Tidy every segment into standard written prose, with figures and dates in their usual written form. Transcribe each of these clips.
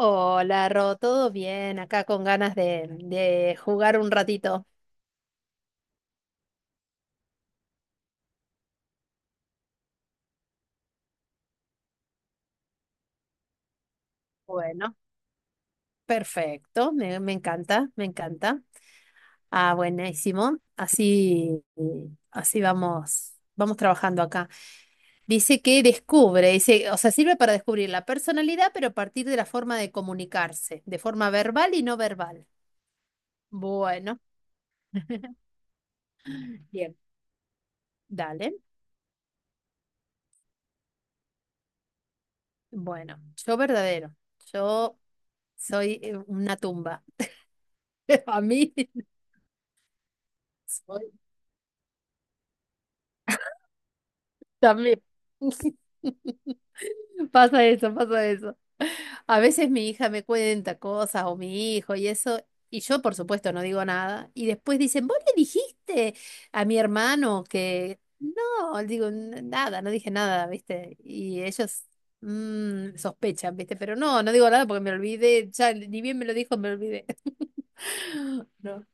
Hola, Ro, ¿todo bien? Acá con ganas de jugar un ratito. Bueno, perfecto, me encanta, me encanta. Ah, buenísimo. Así, así vamos, vamos trabajando acá. Dice que descubre, dice, o sea, sirve para descubrir la personalidad, pero a partir de la forma de comunicarse, de forma verbal y no verbal. Bueno, bien, dale. Bueno, yo verdadero, yo soy una tumba. A mí. También pasa eso, pasa eso. A veces mi hija me cuenta cosas o mi hijo y eso, y yo por supuesto no digo nada. Y después dicen, ¿vos le dijiste a mi hermano que...? No, digo: Nada, no dije nada, ¿viste?". Y ellos sospechan, ¿viste? Pero no, no digo nada porque me olvidé, ya ni bien me lo dijo, me olvidé. No.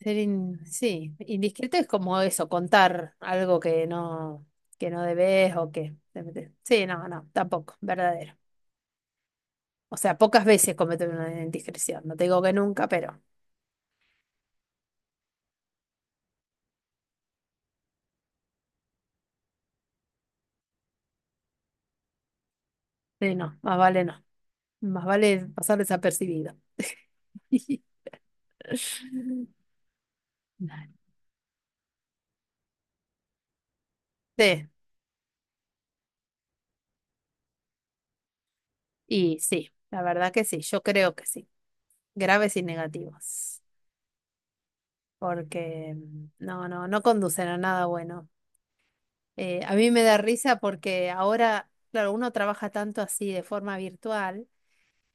Ser sí, indiscreto es como eso, contar algo que no debes o que te metes. Sí, no, no, tampoco, verdadero. O sea, pocas veces cometo una indiscreción. No te digo que nunca, pero sí, no, más vale no. Más vale pasar desapercibido. Sí, y sí, la verdad que sí, yo creo que sí. Graves y negativos. Porque no, no, no conducen a nada bueno. A mí me da risa porque ahora, claro, uno trabaja tanto así de forma virtual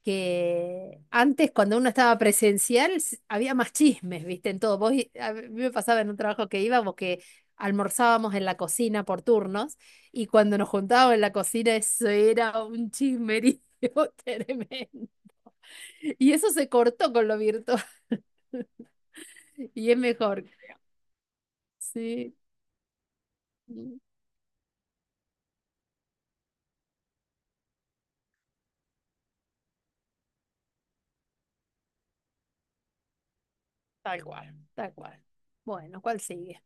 que antes cuando uno estaba presencial había más chismes, ¿viste? En todo. Vos, a mí me pasaba en un trabajo que íbamos que almorzábamos en la cocina por turnos y cuando nos juntábamos en la cocina eso era un chismerío tremendo. Y eso se cortó con lo virtual y es mejor. Sí, tal cual, tal cual. Bueno, ¿cuál sigue?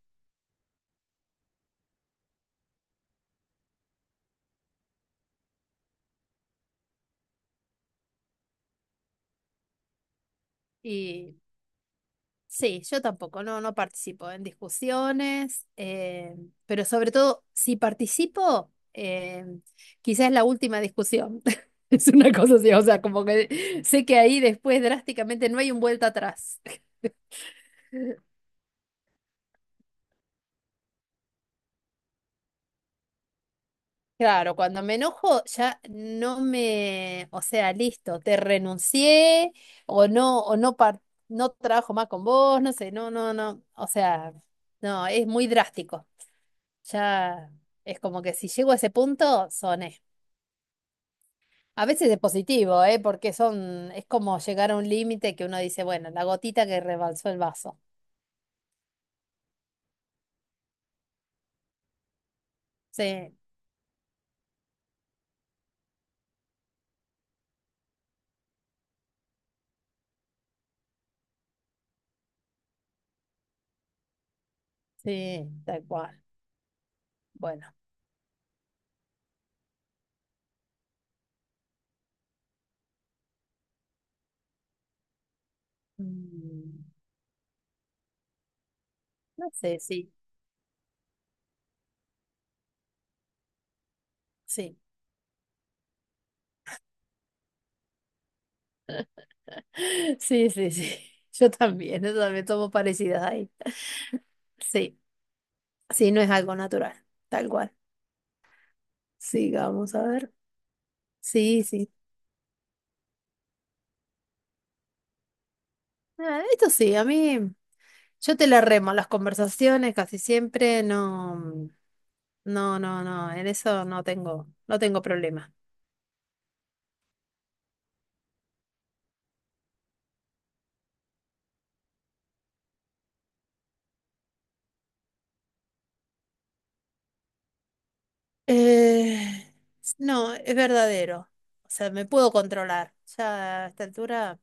Y sí, yo tampoco, no, no participo en discusiones, pero sobre todo, si participo, quizás es la última discusión. Es una cosa así, o sea, como que sé que ahí después drásticamente no hay un vuelta atrás. Claro, cuando me enojo ya no me, o sea, listo, te renuncié o no, no trabajo más con vos, no sé, no, no, no, o sea, no, es muy drástico. Ya es como que si llego a ese punto, son... A veces es positivo, ¿eh? Porque son, es como llegar a un límite que uno dice, bueno, la gotita que rebalsó el vaso. Sí, sí, tal cual. Bueno, mm, no sé, sí, sí. Sí, sí, sí. Yo también tomo parecidas ahí. Sí, sí, no es algo natural, tal cual. Sigamos a ver. Sí, sí. Ah, esto sí, a mí, yo te la remo las conversaciones casi siempre, no, no, no, no, en eso no tengo, no tengo problema. Eh, no, es verdadero. O sea, me puedo controlar. Ya a esta altura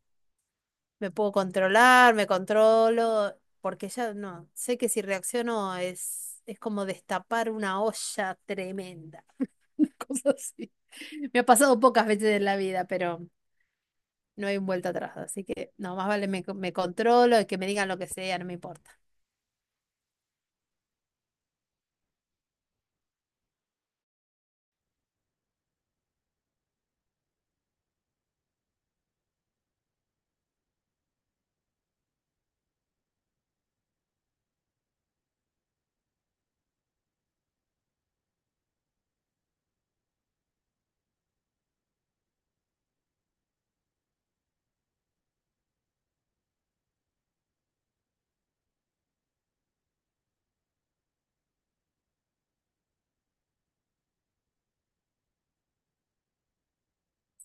me puedo controlar, me controlo, porque ya no, sé que si reacciono es como destapar una olla tremenda. Una cosa así. Me ha pasado pocas veces en la vida, pero no hay vuelta atrás. Así que no, más vale me, me controlo y que me digan lo que sea, no me importa.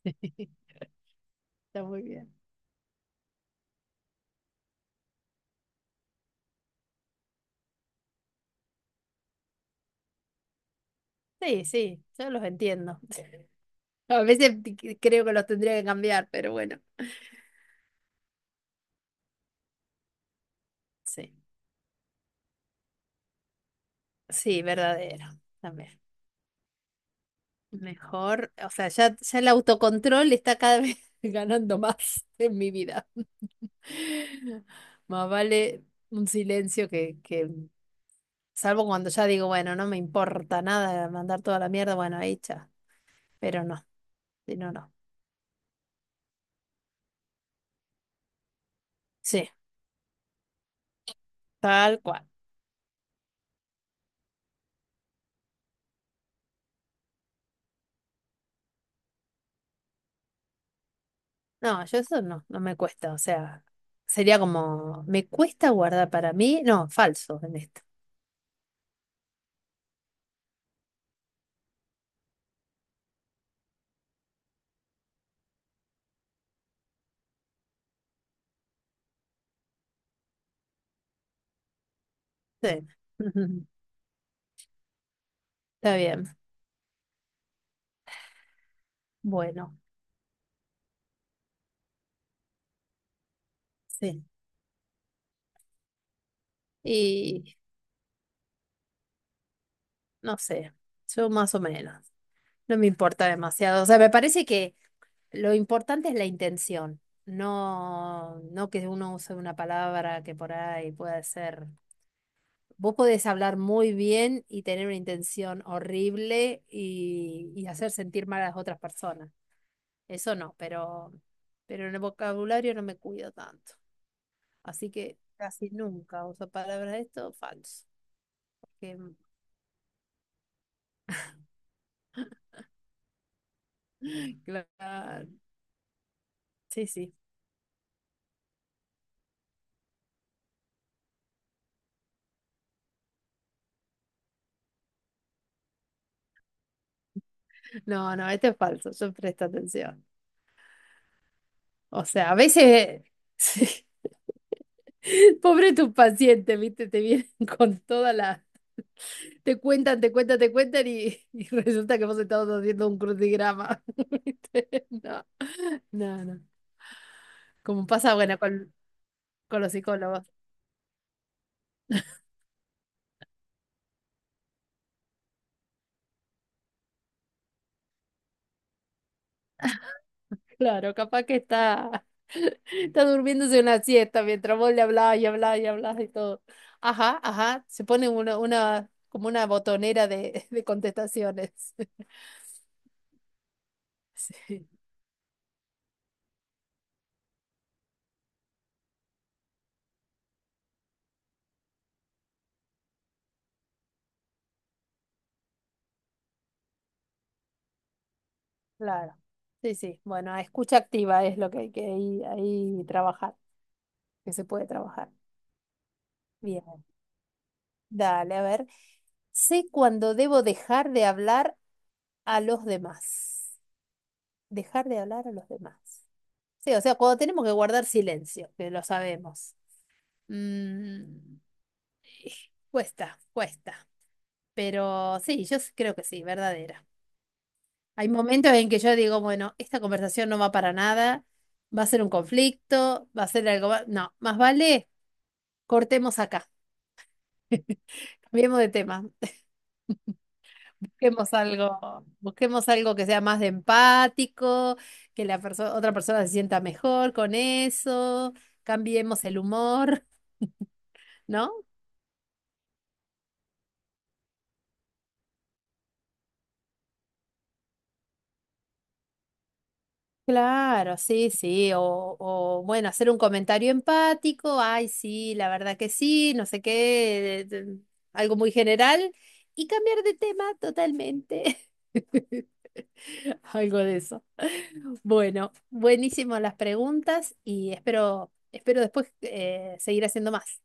Está muy bien. Sí, sí, yo los entiendo. A veces creo que los tendría que cambiar, pero bueno. Sí, sí, verdadero. También. Mejor, o sea, ya, ya el autocontrol está cada vez ganando más en mi vida. Más vale un silencio salvo cuando ya digo, bueno, no me importa nada mandar toda la mierda, bueno, ahí ya. Pero no, si no, no. Sí, tal cual. No, yo eso no, no me cuesta, o sea, sería como, me cuesta guardar para mí, no, falso. Sí, está bien. Bueno, sí. Y no sé, yo más o menos. No me importa demasiado. O sea, me parece que lo importante es la intención, no, no que uno use una palabra que por ahí pueda ser. Vos podés hablar muy bien y tener una intención horrible y hacer sentir mal a las otras personas. Eso no, pero en el vocabulario no me cuido tanto. Así que casi nunca uso palabras de esto, falso. Que- Claro, sí, sí. No, no, este es falso, yo presto atención. O sea, a veces, sí. Pobre tu paciente viste, te vienen con toda la... Te cuentan, te cuentan, te cuentan y resulta que vos estabas haciendo un crucigrama. ¿Viste? No, no, no. Como pasa, bueno, con los psicólogos. Claro, capaz que está, está durmiéndose una siesta mientras vos le hablabas y hablabas y hablabas y todo. Ajá, ajá, se pone una, como una botonera de contestaciones. Sí, claro. Sí, sí. Bueno, escucha activa es lo que hay que ahí, ahí trabajar, que se puede trabajar. Bien, dale, a ver. Sé cuando debo dejar de hablar a los demás. Dejar de hablar a los demás. Sí, o sea, cuando tenemos que guardar silencio, que lo sabemos. Mm, cuesta, cuesta. Pero sí, yo creo que sí, verdadera. Hay momentos en que yo digo, bueno, esta conversación no va para nada, va a ser un conflicto, va a ser algo... No, más vale cortemos acá, cambiemos de tema, busquemos algo que sea más de empático, que la otra persona se sienta mejor con eso, cambiemos el humor, ¿no? Claro, sí, sí, o, bueno, hacer un comentario empático, ay, sí, la verdad que sí, no sé qué, algo muy general, y cambiar de tema totalmente. Algo de eso. Bueno, buenísimo las preguntas y espero, espero después seguir haciendo más.